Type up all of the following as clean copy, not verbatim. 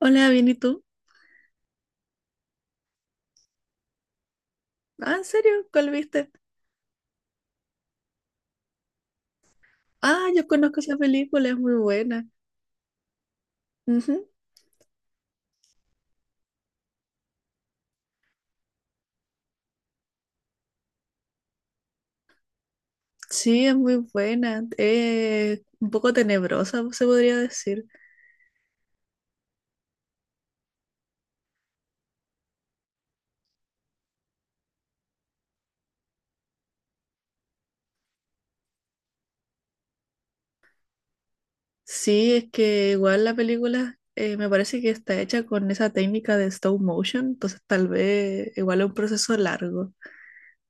Hola, bien, ¿y tú? Ah, ¿en serio? ¿Cuál viste? Ah, yo conozco esa película, es muy buena. Ujú. Sí, es muy buena. Un poco tenebrosa, se podría decir. Sí, es que igual la película me parece que está hecha con esa técnica de stop motion, entonces tal vez igual es un proceso largo,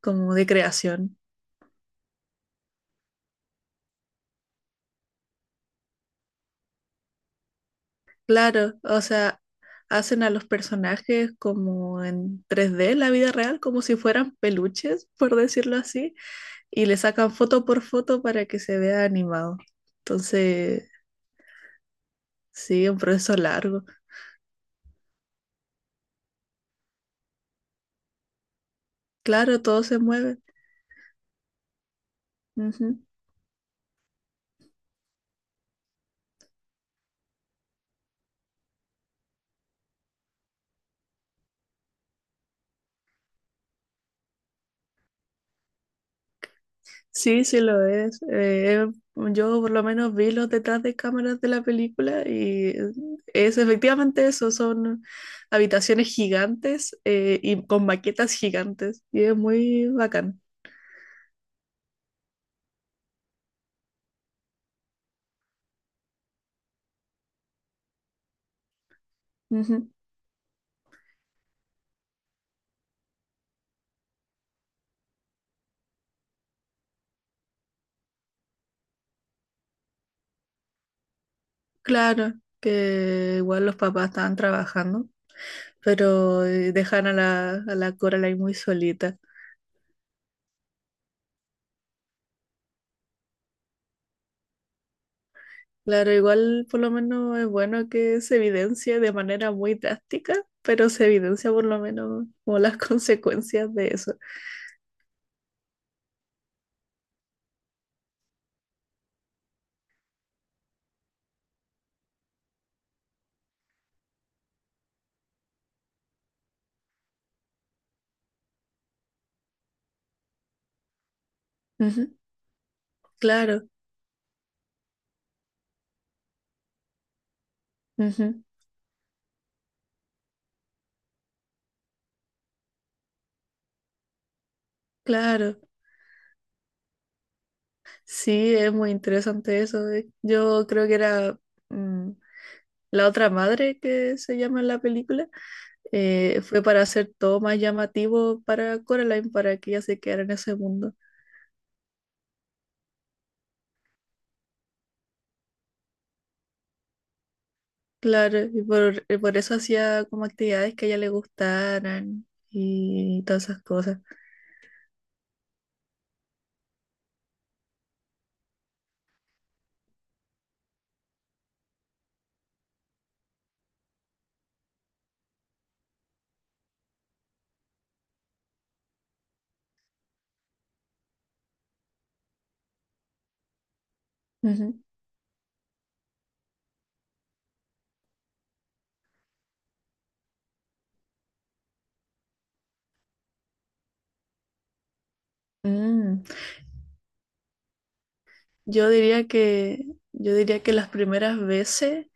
como de creación. Claro, o sea, hacen a los personajes como en 3D, la vida real, como si fueran peluches, por decirlo así, y le sacan foto por foto para que se vea animado. Entonces, sí, un proceso largo. Claro, todo se mueve. Ujú. Sí, sí lo es. Yo por lo menos vi los detrás de cámaras de la película y es efectivamente eso, son habitaciones gigantes y con maquetas gigantes y es muy bacán. Ujú. Claro, que igual los papás estaban trabajando, pero dejan a la Coraline muy solita. Claro, igual por lo menos es bueno que se evidencie de manera muy drástica, pero se evidencia por lo menos como las consecuencias de eso. Ujú. Claro. Ujú. Claro. Sí, es muy interesante eso. Yo creo que era mm, la otra madre que se llama en la película, fue para hacer todo más llamativo para Coraline, para que ella se quedara en ese mundo. Claro, y por eso hacía como actividades que a ella le gustaran y todas esas cosas. Ujú. Mm. Yo diría que, yo diría que las primeras veces,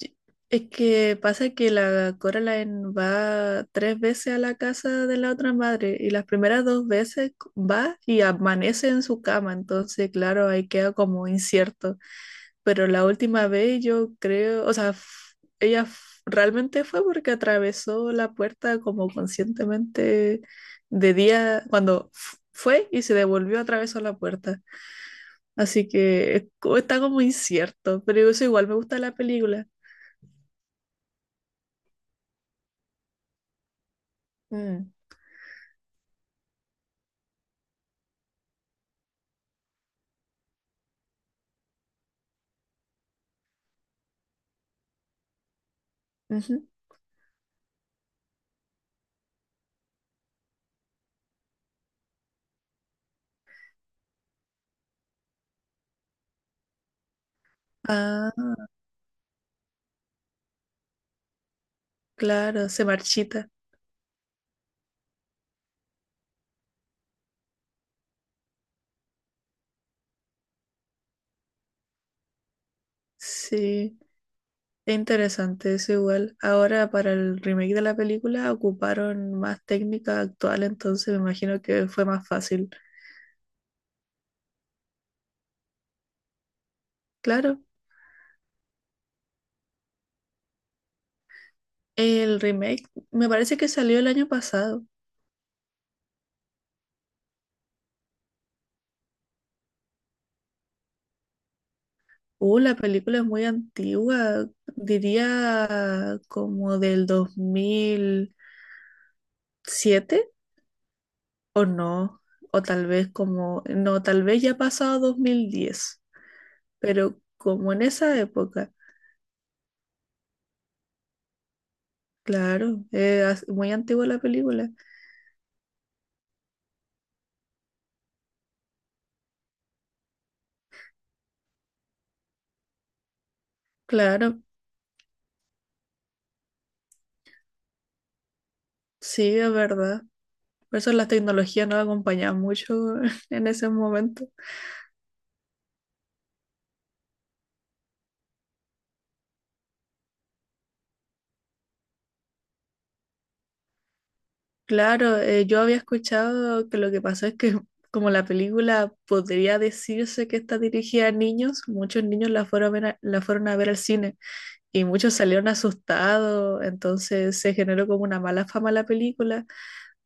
y- es que pasa que la Coraline va tres veces a la casa de la otra madre y las primeras dos veces va y amanece en su cama, entonces claro, ahí queda como incierto, pero la última vez yo creo, o sea, ella realmente fue porque atravesó la puerta como conscientemente de día, cuando fue y se devolvió atravesó la puerta. Así que está como incierto, pero eso igual me gusta la película. Mm. Ujú. Ah, claro, se marchita. Sí, es interesante eso igual. Ahora para el remake de la película ocuparon más técnica actual, entonces me imagino que fue más fácil. Claro, el remake me parece que salió el año pasado. La película es muy antigua, diría como del 2007. O no, o tal vez como, no, tal vez ya ha pasado 2010, pero como en esa época, claro, muy antigua la película, claro, sí, es verdad. Por eso las tecnologías no acompañaban mucho en ese momento. Claro, yo había escuchado que lo que pasó es que como la película podría decirse que está dirigida a niños, muchos niños la fueron a ver, la fueron a ver al cine. Y muchos salieron asustados, entonces se generó como una mala fama la película.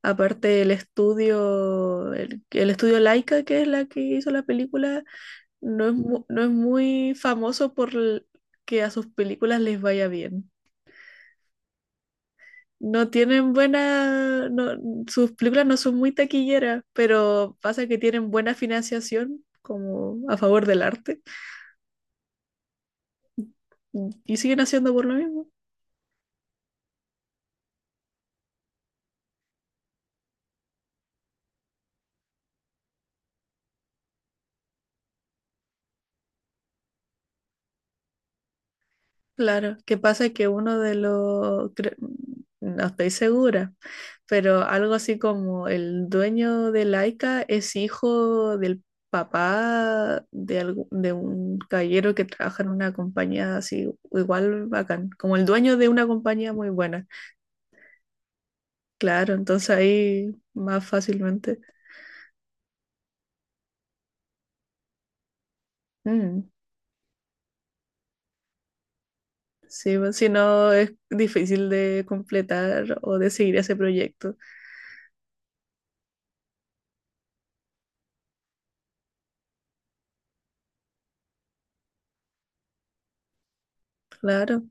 Aparte el estudio, el estudio Laika, que es la que hizo la película, no es muy famoso por que a sus películas les vaya bien. No tienen buena, no- Sus películas no son muy taquilleras, pero pasa que tienen buena financiación como a favor del arte y siguen haciendo por lo mismo. Claro, que pasa que uno de los, no estoy segura, pero algo así como el dueño de Laika es hijo del papá de, de un caballero que trabaja en una compañía así, igual bacán, como el dueño de una compañía muy buena. Claro, entonces ahí más fácilmente. Mm, sí, pues, si no es difícil de completar o de seguir ese proyecto. Claro,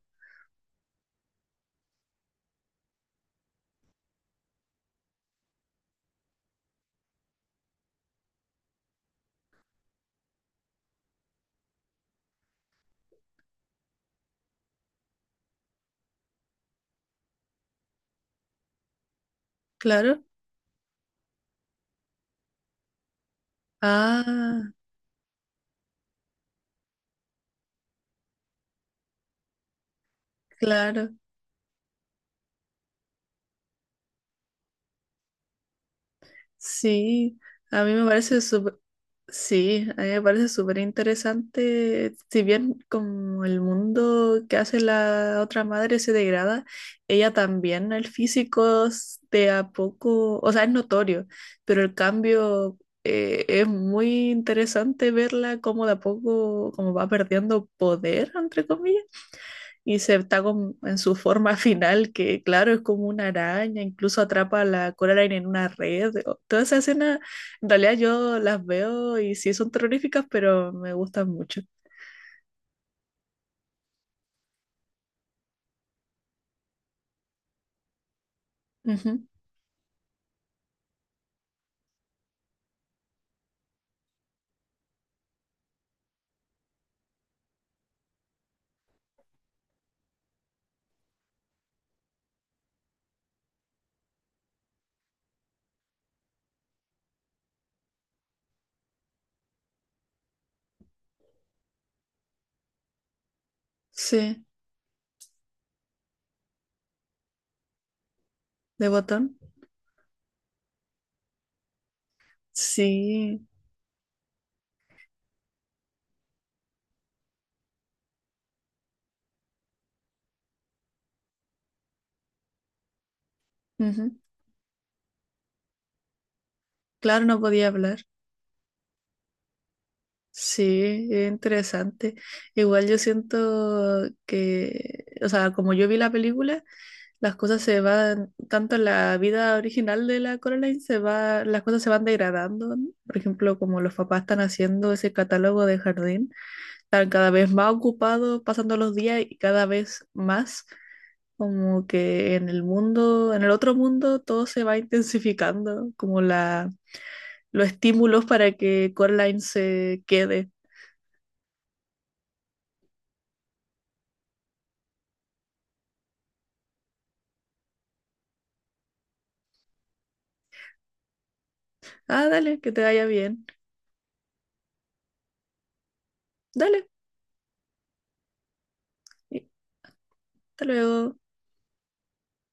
claro. Ah, claro. Sí, a mí me parece súper, sí, a mí me parece súper interesante, si bien como el mundo que hace la otra madre se degrada, ella también, el físico de a poco, o sea, es notorio, pero el cambio es muy interesante verla como de a poco, como va perdiendo poder, entre comillas, y se está en su forma final, que claro, es como una araña, incluso atrapa a la Coraline en una red. Toda esa escena, en realidad yo las veo y sí son terroríficas, pero me gustan mucho. Ujú. Sí, de botón. Sí, ujú. Claro, no podía hablar. Sí, es interesante. Igual yo siento que, o sea, como yo vi la película, las cosas se van, tanto en la vida original de la Coraline se va, las cosas se van degradando, ¿no? Por ejemplo, como los papás están haciendo ese catálogo de jardín, están cada vez más ocupados pasando los días y cada vez más, como que en el mundo, en el otro mundo todo se va intensificando, como la, los estímulos para que Coraline se quede. Ah, dale, que te vaya bien. Dale, y hasta luego.